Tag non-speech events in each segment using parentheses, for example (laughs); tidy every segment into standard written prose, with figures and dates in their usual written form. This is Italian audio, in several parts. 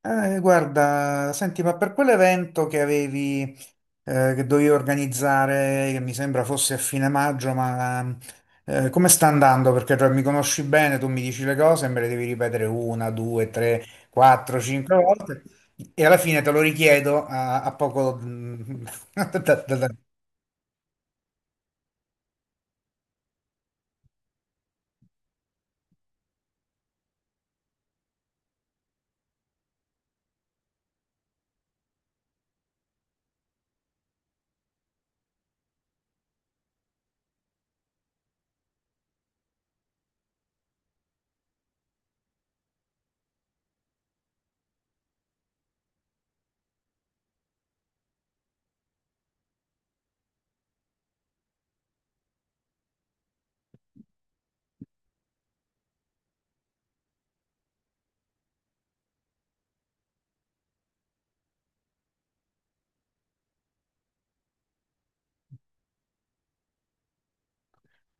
Guarda, senti, ma per quell'evento che avevi, che dovevi organizzare, che mi sembra fosse a fine maggio, ma come sta andando? Perché cioè, mi conosci bene, tu mi dici le cose e me le devi ripetere una, due, tre, quattro, cinque volte e alla fine te lo richiedo a poco. (laughs) Da- da- da-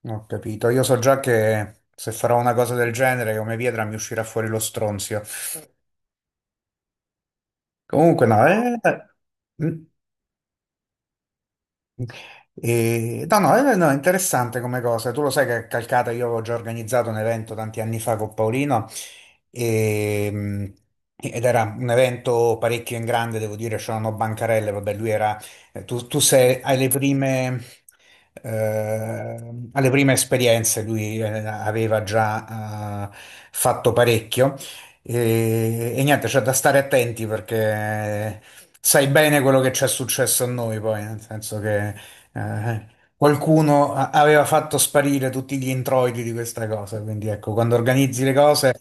no, ho capito, io so già che se farò una cosa del genere, come pietra mi uscirà fuori lo stronzio. Comunque no, no, no, no, è interessante come cosa. Tu lo sai che a Calcata io avevo già organizzato un evento tanti anni fa con Paolino e, mh, ed era un evento parecchio in grande, devo dire, c'erano bancarelle, vabbè, lui era. Tu sei eh, alle prime esperienze, lui aveva già fatto parecchio e niente, c'è da stare attenti perché sai bene quello che ci è successo a noi poi, nel senso che. Eh, qualcuno aveva fatto sparire tutti gli introiti di questa cosa, quindi ecco, quando organizzi le cose.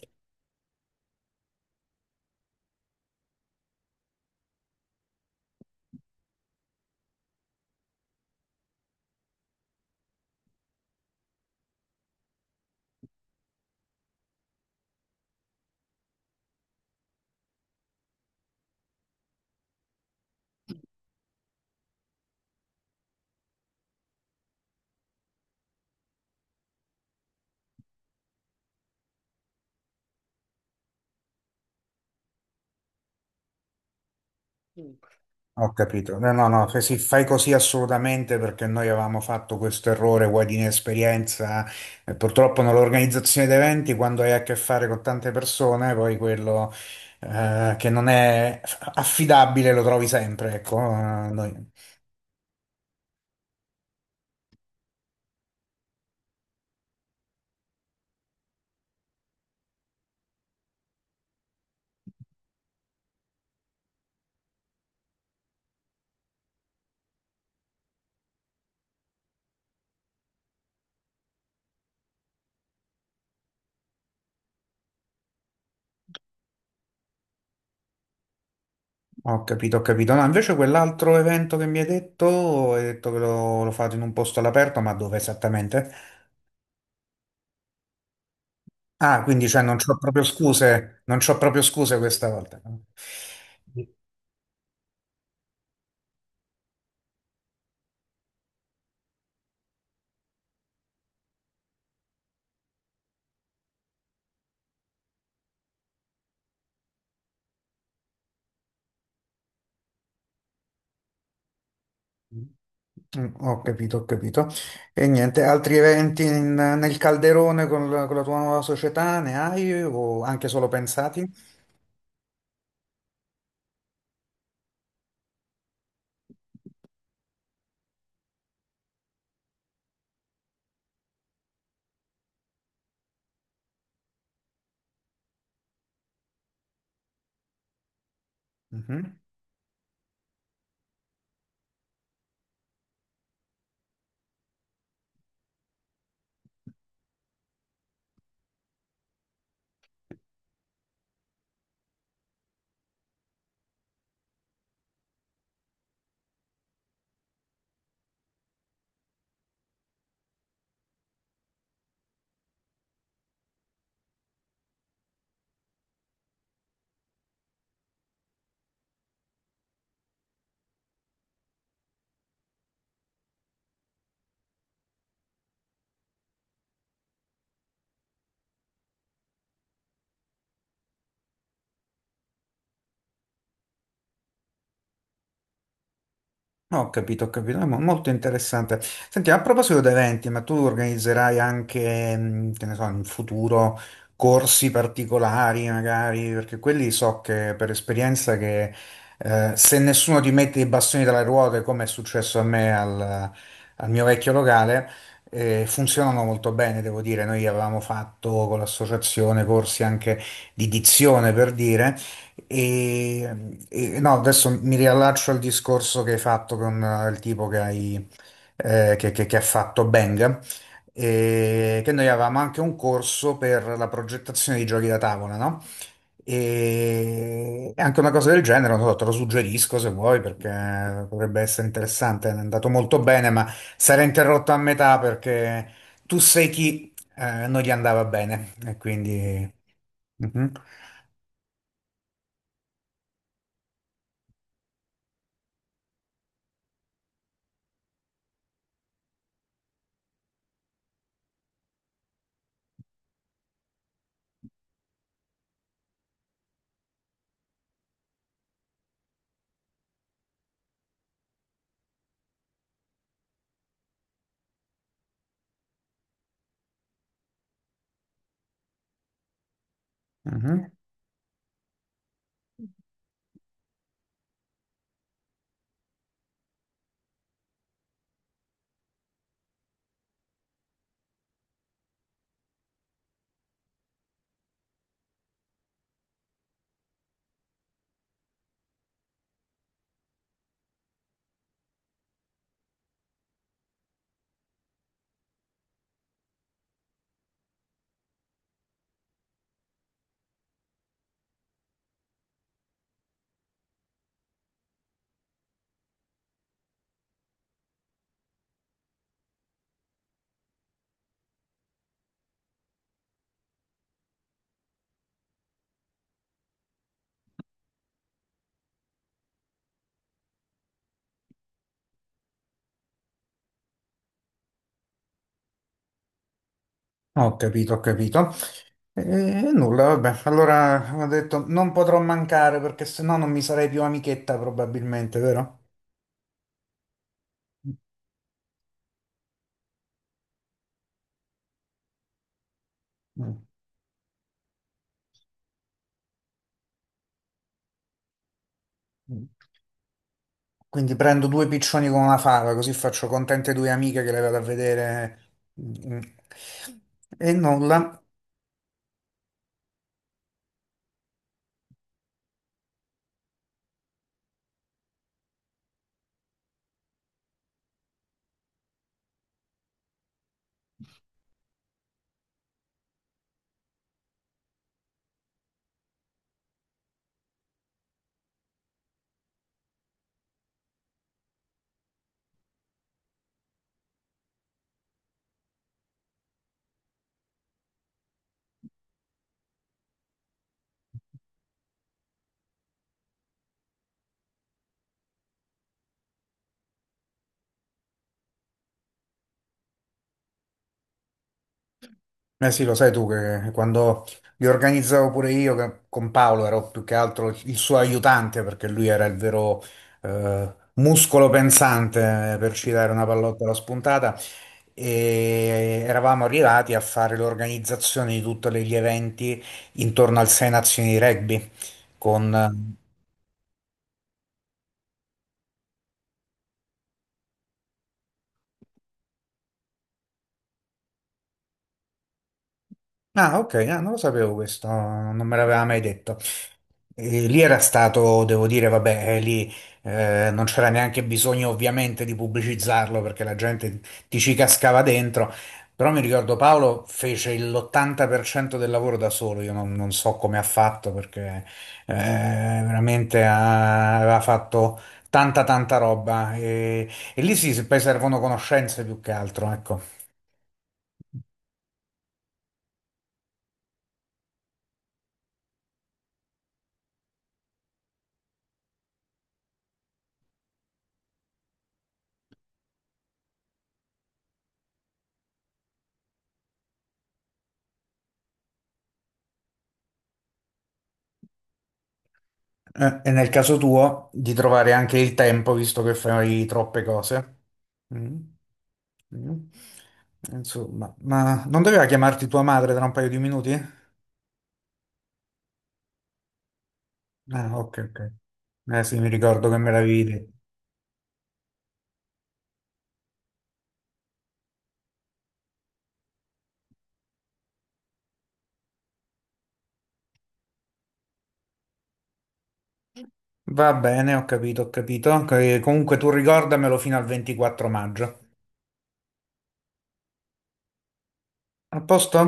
Ho capito. No, no, no, che si fai così assolutamente perché noi avevamo fatto questo errore, vuoi di inesperienza, e purtroppo nell'organizzazione di eventi, quando hai a che fare con tante persone, poi quello che non è affidabile lo trovi sempre, ecco, noi. Ho capito, ho capito. No, invece quell'altro evento che mi hai detto che lo fate in un posto all'aperto, ma dove esattamente? Ah, quindi cioè, non c'ho proprio scuse, non c'ho proprio scuse questa volta. Mm. Ho capito, ho capito. E niente, altri eventi nel calderone con la tua nuova società ne hai o anche solo pensati? Mhm. No, ho capito, ho capito, è molto interessante. Senti, a proposito di eventi, ma tu organizzerai anche, che ne so, in futuro corsi particolari magari, perché quelli so che per esperienza che se nessuno ti mette i bastoni tra le ruote, come è successo a me al mio vecchio locale, funzionano molto bene, devo dire. Noi avevamo fatto con l'associazione corsi anche di dizione, per dire. No, adesso mi riallaccio al discorso che hai fatto con il tipo che ha fatto Bang, che noi avevamo anche un corso per la progettazione di giochi da tavola, no? E anche una cosa del genere, non so, te lo suggerisco se vuoi, perché potrebbe essere interessante, è andato molto bene, ma sarà interrotto a metà perché tu sei chi non gli andava bene, e quindi. Mhm, mhm. Ho capito, ho capito. E nulla, vabbè. Allora ho detto non potrò mancare perché sennò non mi sarei più amichetta probabilmente, vero? Mm. Mm. Quindi prendo due piccioni con una fava, così faccio contente due amiche che le vado a vedere. Mm. Mm. E nulla. Eh sì, lo sai tu che quando li organizzavo pure io con Paolo ero più che altro il suo aiutante perché lui era il vero muscolo pensante per citare una pallottola spuntata e eravamo arrivati a fare l'organizzazione di tutti gli eventi intorno al Sei Nazioni di Rugby con Ah, ok, ah, non lo sapevo questo, non me l'aveva mai detto. E lì era stato, devo dire, vabbè, lì non c'era neanche bisogno ovviamente di pubblicizzarlo perché la gente ti ci cascava dentro, però mi ricordo Paolo fece l'80% del lavoro da solo, io non so come ha fatto perché veramente aveva fatto tanta tanta roba e lì sì, se poi servono conoscenze più che altro, ecco. E nel caso tuo di trovare anche il tempo, visto che fai troppe cose. Mm. Mm. Insomma, ma non doveva chiamarti tua madre tra un paio di minuti? Ah, ok, ok. Eh sì, mi ricordo che me l'avevi detto. Va bene, ho capito, ho capito. Ok, comunque tu ricordamelo fino al 24 maggio. A posto?